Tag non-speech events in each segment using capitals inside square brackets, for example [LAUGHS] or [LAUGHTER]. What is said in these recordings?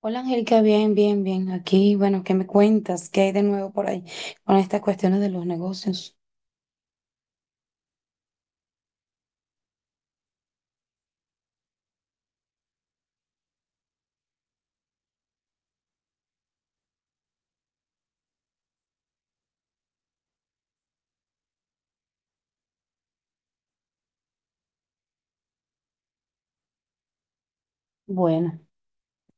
Hola Angélica, bien, bien, bien. Aquí, bueno, ¿qué me cuentas? ¿Qué hay de nuevo por ahí con estas cuestiones de los negocios? Bueno,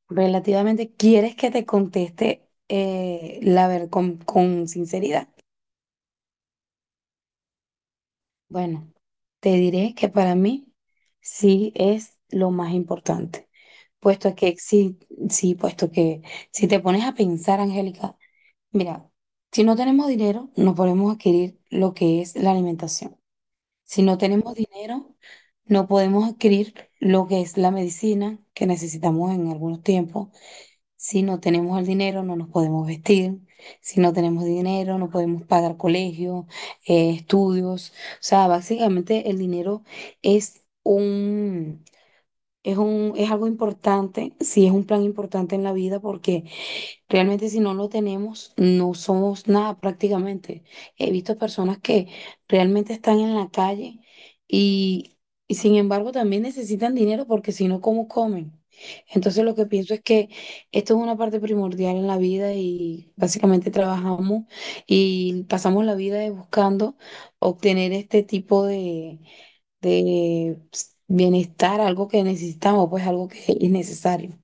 relativamente, ¿quieres que te conteste la ver con sinceridad? Bueno, te diré que para mí sí es lo más importante, puesto que sí, sí, puesto que si te pones a pensar, Angélica, mira, si no tenemos dinero, no podemos adquirir lo que es la alimentación. Si no tenemos dinero, no podemos adquirir lo que es la medicina que necesitamos en algunos tiempos. Si no tenemos el dinero, no nos podemos vestir. Si no tenemos dinero, no podemos pagar colegios, estudios. O sea, básicamente el dinero es un, es algo importante, sí es un plan importante en la vida porque realmente si no lo tenemos, no somos nada prácticamente. He visto personas que realmente están en la calle y, y sin embargo también necesitan dinero porque si no, ¿cómo comen? Entonces lo que pienso es que esto es una parte primordial en la vida y básicamente trabajamos y pasamos la vida de buscando obtener este tipo de bienestar, algo que necesitamos, pues algo que es necesario.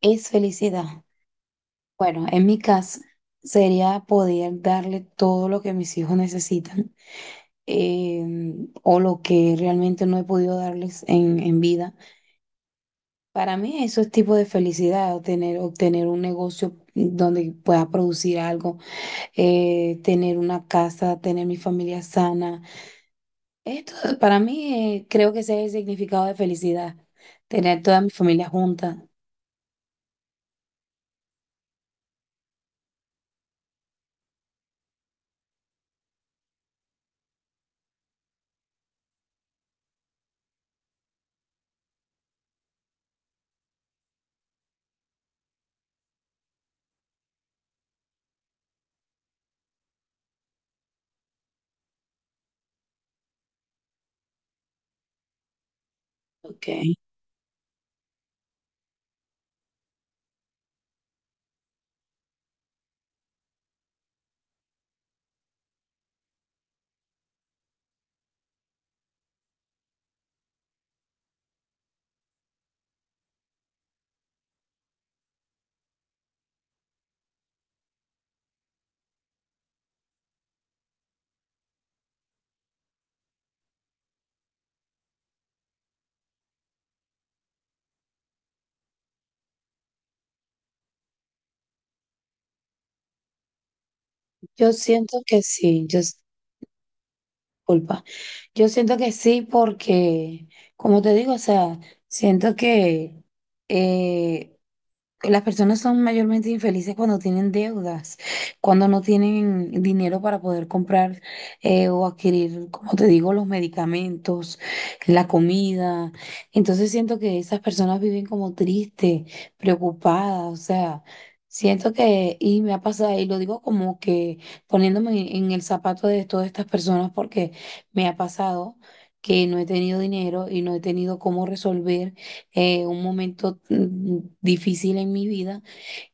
Es felicidad. Bueno, en mi caso sería poder darle todo lo que mis hijos necesitan o lo que realmente no he podido darles en vida. Para mí eso es tipo de felicidad, obtener un negocio donde pueda producir algo, tener una casa, tener mi familia sana. Esto para mí creo que ese es el significado de felicidad, tener toda mi familia junta. Okay. Yo siento que sí, yo, culpa. Yo siento que sí, porque, como te digo, o sea, siento que eh, las personas son mayormente infelices cuando tienen deudas, cuando no tienen dinero para poder comprar o adquirir, como te digo, los medicamentos, la comida. Entonces siento que esas personas viven como tristes, preocupadas, o sea, siento que, y me ha pasado, y lo digo como que poniéndome en el zapato de todas estas personas, porque me ha pasado que no he tenido dinero y no he tenido cómo resolver un momento difícil en mi vida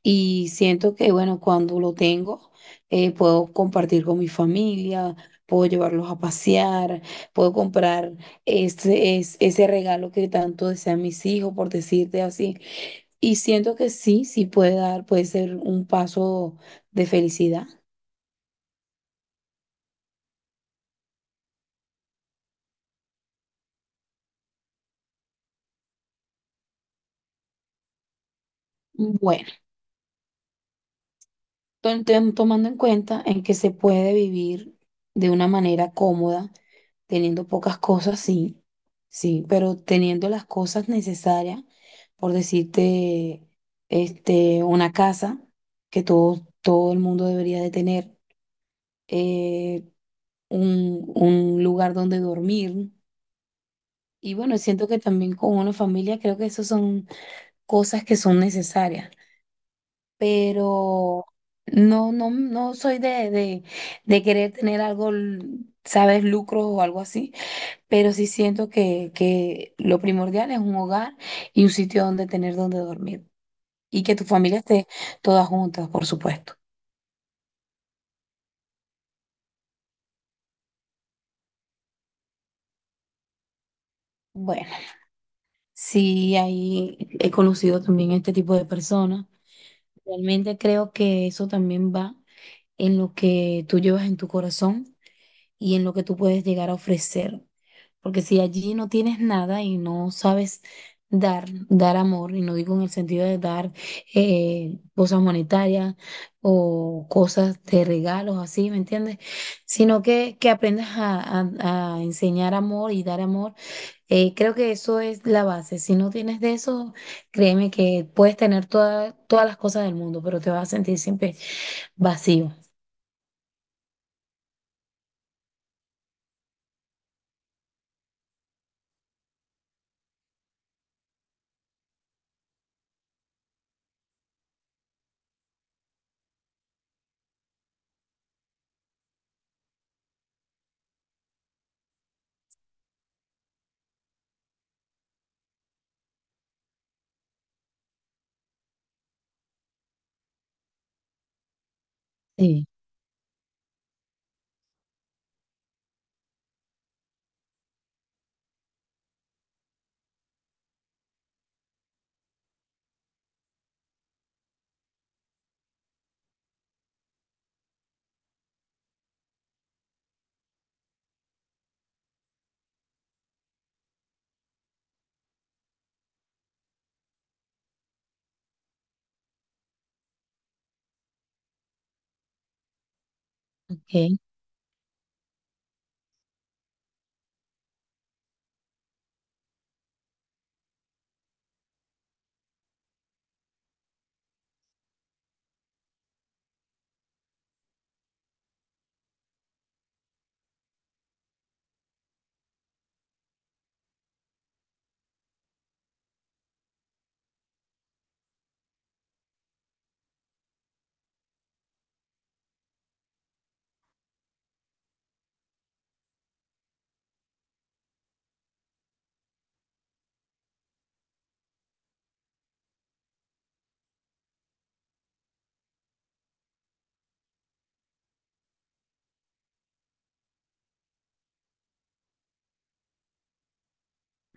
y siento que, bueno, cuando lo tengo, puedo compartir con mi familia, puedo llevarlos a pasear, puedo comprar ese regalo que tanto desean mis hijos, por decirte así. Y siento que sí, sí puede dar, puede ser un paso de felicidad. Bueno. Tomando en cuenta en que se puede vivir de una manera cómoda, teniendo pocas cosas, sí, sí, pero teniendo las cosas necesarias, por decirte, este, una casa que todo el mundo debería de tener, eh, un lugar donde dormir. Y bueno, siento que también con una familia creo que esas son cosas que son necesarias. Pero no, no, no soy de querer tener algo, sabes, lucro o algo así, pero sí siento que lo primordial es un hogar y un sitio donde tener donde dormir y que tu familia esté todas juntas, por supuesto. Bueno, sí, ahí he conocido también este tipo de personas. Realmente creo que eso también va en lo que tú llevas en tu corazón y en lo que tú puedes llegar a ofrecer. Porque si allí no tienes nada y no sabes dar amor, y no digo en el sentido de dar cosas monetarias o cosas de regalos, así, ¿me entiendes? Sino que aprendas a enseñar amor y dar amor. Creo que eso es la base. Si no tienes de eso, créeme que puedes tener todas las cosas del mundo, pero te vas a sentir siempre vacío. Sí, ok.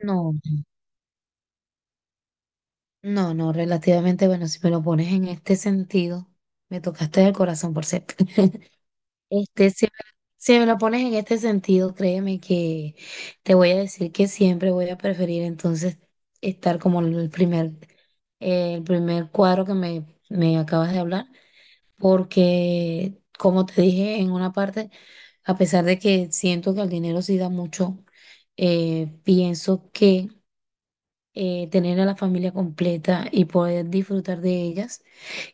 No. No, no, relativamente, bueno, si me lo pones en este sentido, me tocaste el corazón por cierto. [LAUGHS] Este, si me lo pones en este sentido, créeme que te voy a decir que siempre voy a preferir entonces estar como el primer cuadro me acabas de hablar, porque como te dije en una parte, a pesar de que siento que el dinero sí da mucho, pienso que tener a la familia completa y poder disfrutar de ellas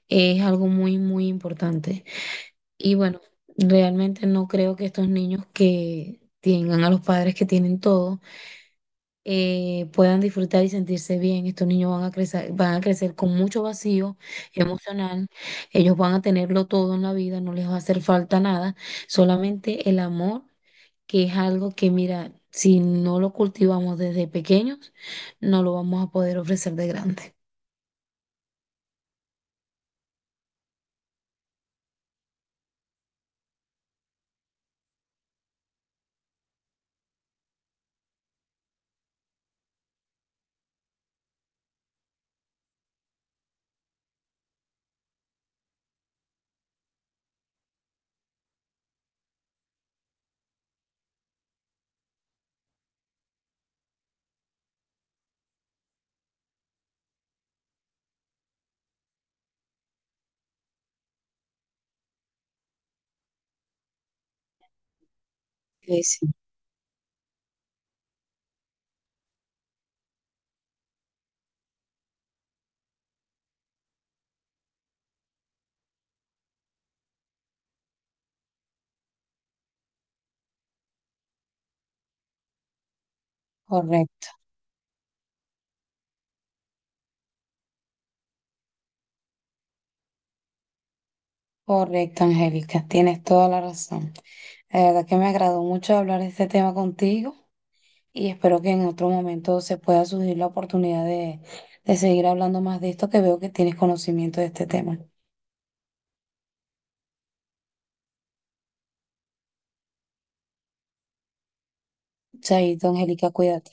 es algo muy, muy importante. Y bueno, realmente no creo que estos niños que tengan a los padres que tienen todo puedan disfrutar y sentirse bien. Estos niños van a crecer con mucho vacío emocional. Ellos van a tenerlo todo en la vida, no les va a hacer falta nada, solamente el amor, que es algo que, mira, si no lo cultivamos desde pequeños, no lo vamos a poder ofrecer de grande. Sí, sí, correcto, correcto, Angélica, tienes toda la razón. La verdad que me agradó mucho hablar de este tema contigo y espero que en otro momento se pueda surgir la oportunidad de seguir hablando más de esto, que veo que tienes conocimiento de este tema. Chaito, Angélica, cuídate.